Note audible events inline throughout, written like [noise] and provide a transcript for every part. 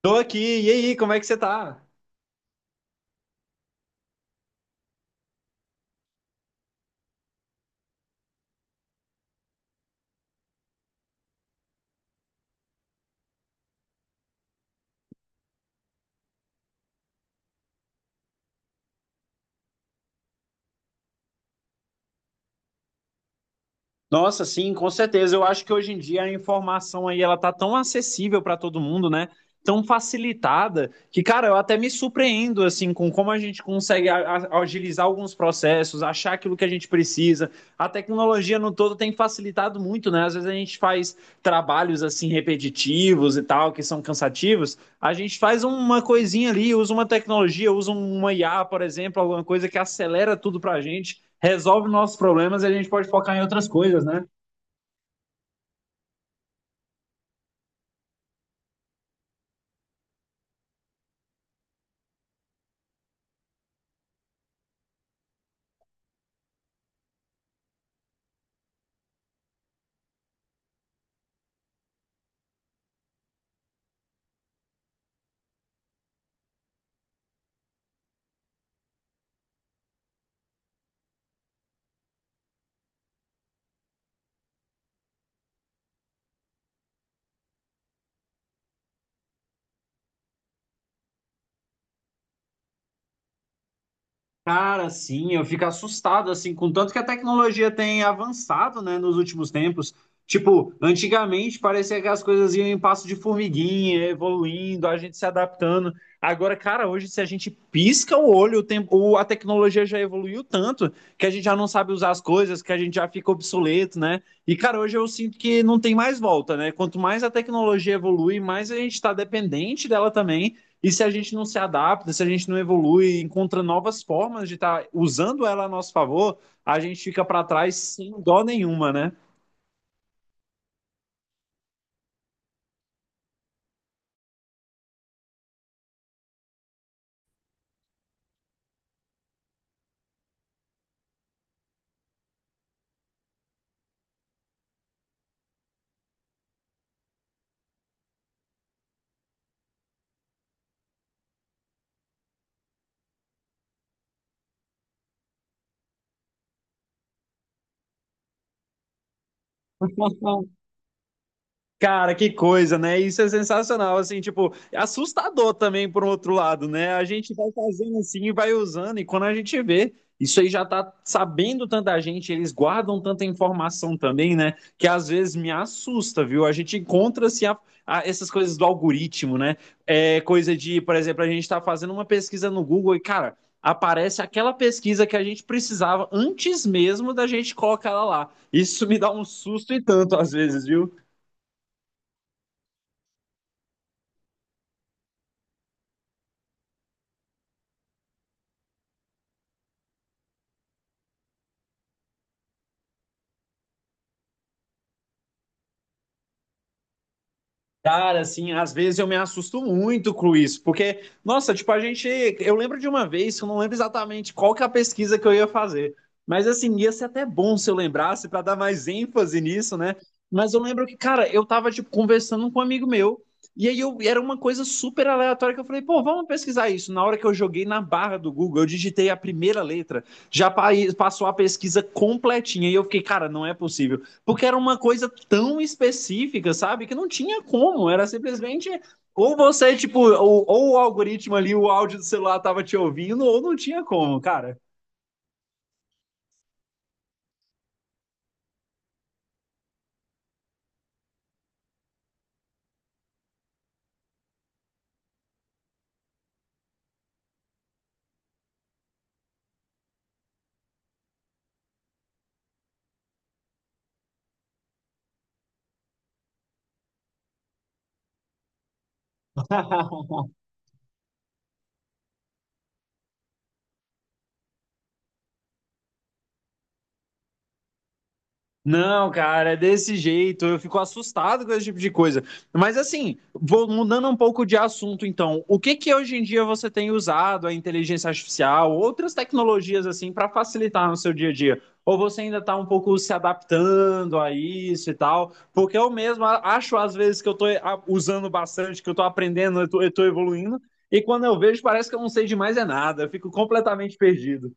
Tô aqui, e aí, como é que você tá? Nossa, sim, com certeza. Eu acho que hoje em dia a informação aí ela tá tão acessível para todo mundo, né? Tão facilitada que, cara, eu até me surpreendo assim com como a gente consegue agilizar alguns processos, achar aquilo que a gente precisa. A tecnologia no todo tem facilitado muito, né? Às vezes a gente faz trabalhos assim repetitivos e tal, que são cansativos. A gente faz uma coisinha ali, usa uma tecnologia, usa uma IA, por exemplo, alguma coisa que acelera tudo pra gente, resolve nossos problemas e a gente pode focar em outras coisas, né? Cara, sim, eu fico assustado, assim, com tanto que a tecnologia tem avançado, né, nos últimos tempos. Tipo, antigamente parecia que as coisas iam em passo de formiguinha, evoluindo, a gente se adaptando. Agora, cara, hoje se a gente pisca o olho, o tempo, a tecnologia já evoluiu tanto que a gente já não sabe usar as coisas, que a gente já fica obsoleto, né? E, cara, hoje eu sinto que não tem mais volta, né? Quanto mais a tecnologia evolui, mais a gente está dependente dela também. E se a gente não se adapta, se a gente não evolui, encontra novas formas de estar tá usando ela a nosso favor, a gente fica para trás sem dó nenhuma, né? Cara, que coisa, né? Isso é sensacional, assim, tipo, é assustador também por um outro lado, né? A gente vai fazendo assim e vai usando, e quando a gente vê, isso aí já tá sabendo tanta gente, eles guardam tanta informação também, né? Que às vezes me assusta, viu? A gente encontra assim, essas coisas do algoritmo, né? É coisa de, por exemplo, a gente tá fazendo uma pesquisa no Google e, cara, aparece aquela pesquisa que a gente precisava antes mesmo da gente colocar ela lá. Isso me dá um susto e tanto às vezes, viu? Cara, assim, às vezes eu me assusto muito com isso, porque, nossa, tipo, a gente. Eu lembro de uma vez, eu não lembro exatamente qual que é a pesquisa que eu ia fazer, mas assim, ia ser até bom se eu lembrasse para dar mais ênfase nisso, né? Mas eu lembro que, cara, eu tava, tipo, conversando com um amigo meu, e aí eu, era uma coisa super aleatória que eu falei, pô, vamos pesquisar isso. Na hora que eu joguei na barra do Google, eu digitei a primeira letra, já pa- passou a pesquisa completinha, e eu fiquei, cara, não é possível. Porque era uma coisa tão específica, sabe? Que não tinha como. Era simplesmente. Ou você, tipo, ou o algoritmo ali, o áudio do celular tava te ouvindo, ou não tinha como, cara. [laughs] Não, cara, é desse jeito. Eu fico assustado com esse tipo de coisa. Mas assim, vou mudando um pouco de assunto, então. O que que hoje em dia você tem usado a inteligência artificial, outras tecnologias assim para facilitar no seu dia a dia? Ou você ainda está um pouco se adaptando a isso e tal? Porque eu mesmo acho às vezes que eu estou usando bastante, que eu estou aprendendo, eu estou evoluindo, e quando eu vejo parece que eu não sei de mais é nada. Eu fico completamente perdido.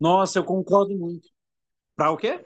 Nossa, eu concordo muito. Para o quê?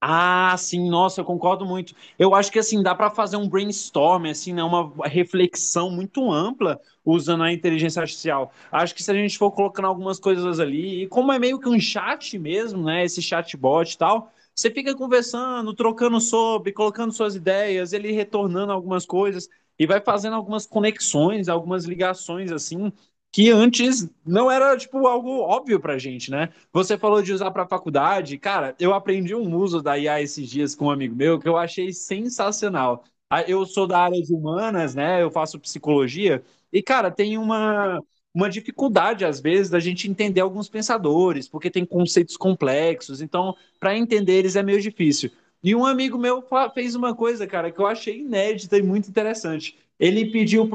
Ah, sim, nossa, eu concordo muito. Eu acho que assim dá para fazer um brainstorm, assim, né, uma reflexão muito ampla usando a inteligência artificial. Acho que se a gente for colocando algumas coisas ali, e como é meio que um chat mesmo, né, esse chatbot e tal, você fica conversando, trocando sobre, colocando suas ideias, ele retornando algumas coisas e vai fazendo algumas conexões, algumas ligações assim, que antes não era tipo algo óbvio pra gente, né? Você falou de usar para faculdade. Cara, eu aprendi um uso da IA esses dias com um amigo meu que eu achei sensacional. Ah, eu sou da área de humanas, né? Eu faço psicologia. E, cara, tem uma dificuldade, às vezes, da gente entender alguns pensadores, porque tem conceitos complexos. Então, para entender eles é meio difícil. E um amigo meu fez uma coisa, cara, que eu achei inédita e muito interessante. Ele pediu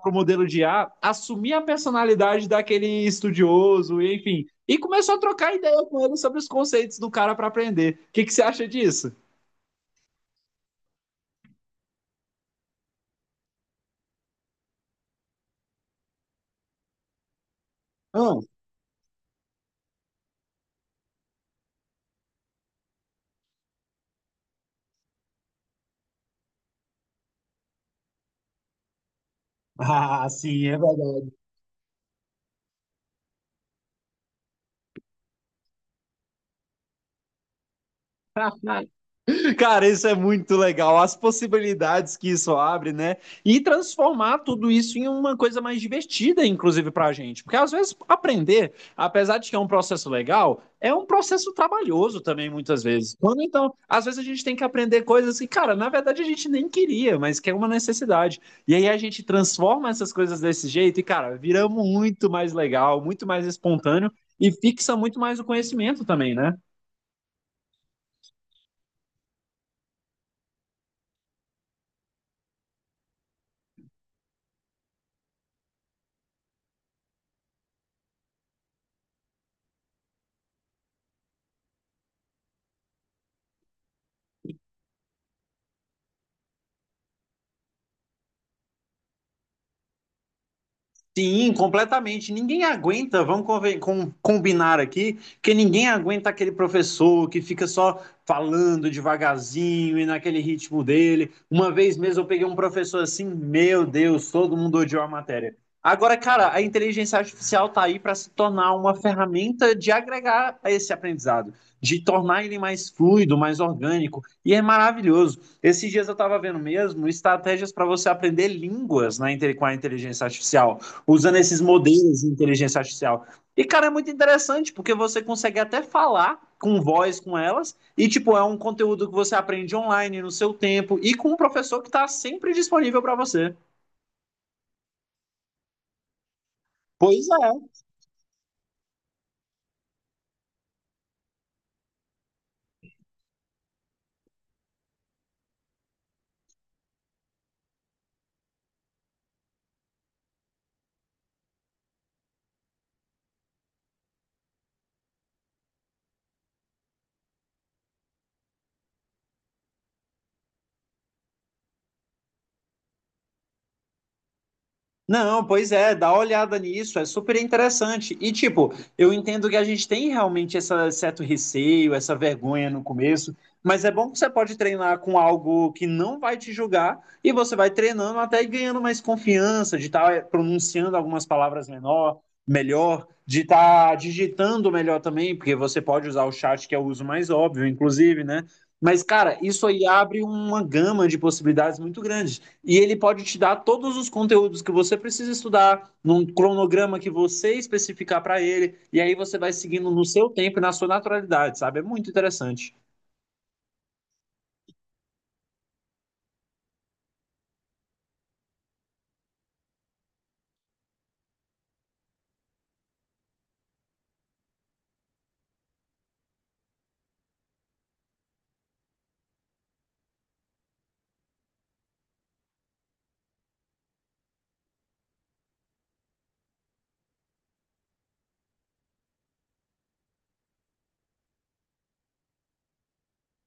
para o modelo de I A assumir a personalidade daquele estudioso, enfim. E começou a trocar ideia com ele sobre os conceitos do cara para aprender. O que, que você acha disso? [laughs] Ah, sim, é verdade. Cara, isso é muito legal. As possibilidades que isso abre, né? E transformar tudo isso em uma coisa mais divertida, inclusive, pra gente. Porque às vezes aprender, apesar de que é um processo legal, é um processo trabalhoso também, muitas vezes. Quando então, às vezes a gente tem que aprender coisas que, cara, na verdade a gente nem queria, mas que é uma necessidade. E aí a gente transforma essas coisas desse jeito e, cara, vira muito mais legal, muito mais espontâneo e fixa muito mais o conhecimento também, né? Sim, completamente. Ninguém aguenta, vamos combinar aqui, que ninguém aguenta aquele professor que fica só falando devagarzinho e naquele ritmo dele. Uma vez mesmo eu peguei um professor assim, meu Deus, todo mundo odiou a matéria. Agora, cara, a inteligência artificial tá aí para se tornar uma ferramenta de agregar a esse aprendizado, de tornar ele mais fluido, mais orgânico, e é maravilhoso. Esses dias eu estava vendo mesmo estratégias para você aprender línguas com a inteligência artificial usando esses modelos de inteligência artificial. E, cara, é muito interessante, porque você consegue até falar com voz com elas, e, tipo, é um conteúdo que você aprende online, no seu tempo, e com um professor que está sempre disponível para você. Pois é. Não, pois é, dá uma olhada nisso, é super interessante. E, tipo, eu entendo que a gente tem realmente esse certo receio, essa vergonha no começo, mas é bom que você pode treinar com algo que não vai te julgar e você vai treinando até ganhando mais confiança de estar pronunciando algumas melhor, de estar digitando melhor também, porque você pode usar o chat, que é o uso mais óbvio, inclusive, né? Mas, cara, isso aí abre uma gama de possibilidades muito grande e ele pode te dar todos os conteúdos que você precisa estudar num cronograma que você especificar para ele e aí você vai seguindo no seu tempo e na sua naturalidade, sabe? É muito interessante.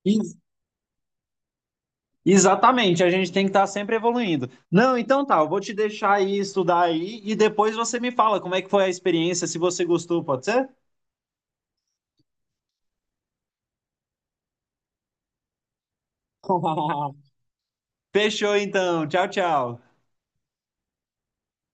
Ex- Exatamente, a gente tem que estar sempre evoluindo. Não, então tá, eu vou te deixar aí estudar aí e depois você me fala como é que foi a experiência, se você gostou, pode ser? [laughs] Fechou então. Tchau, tchau.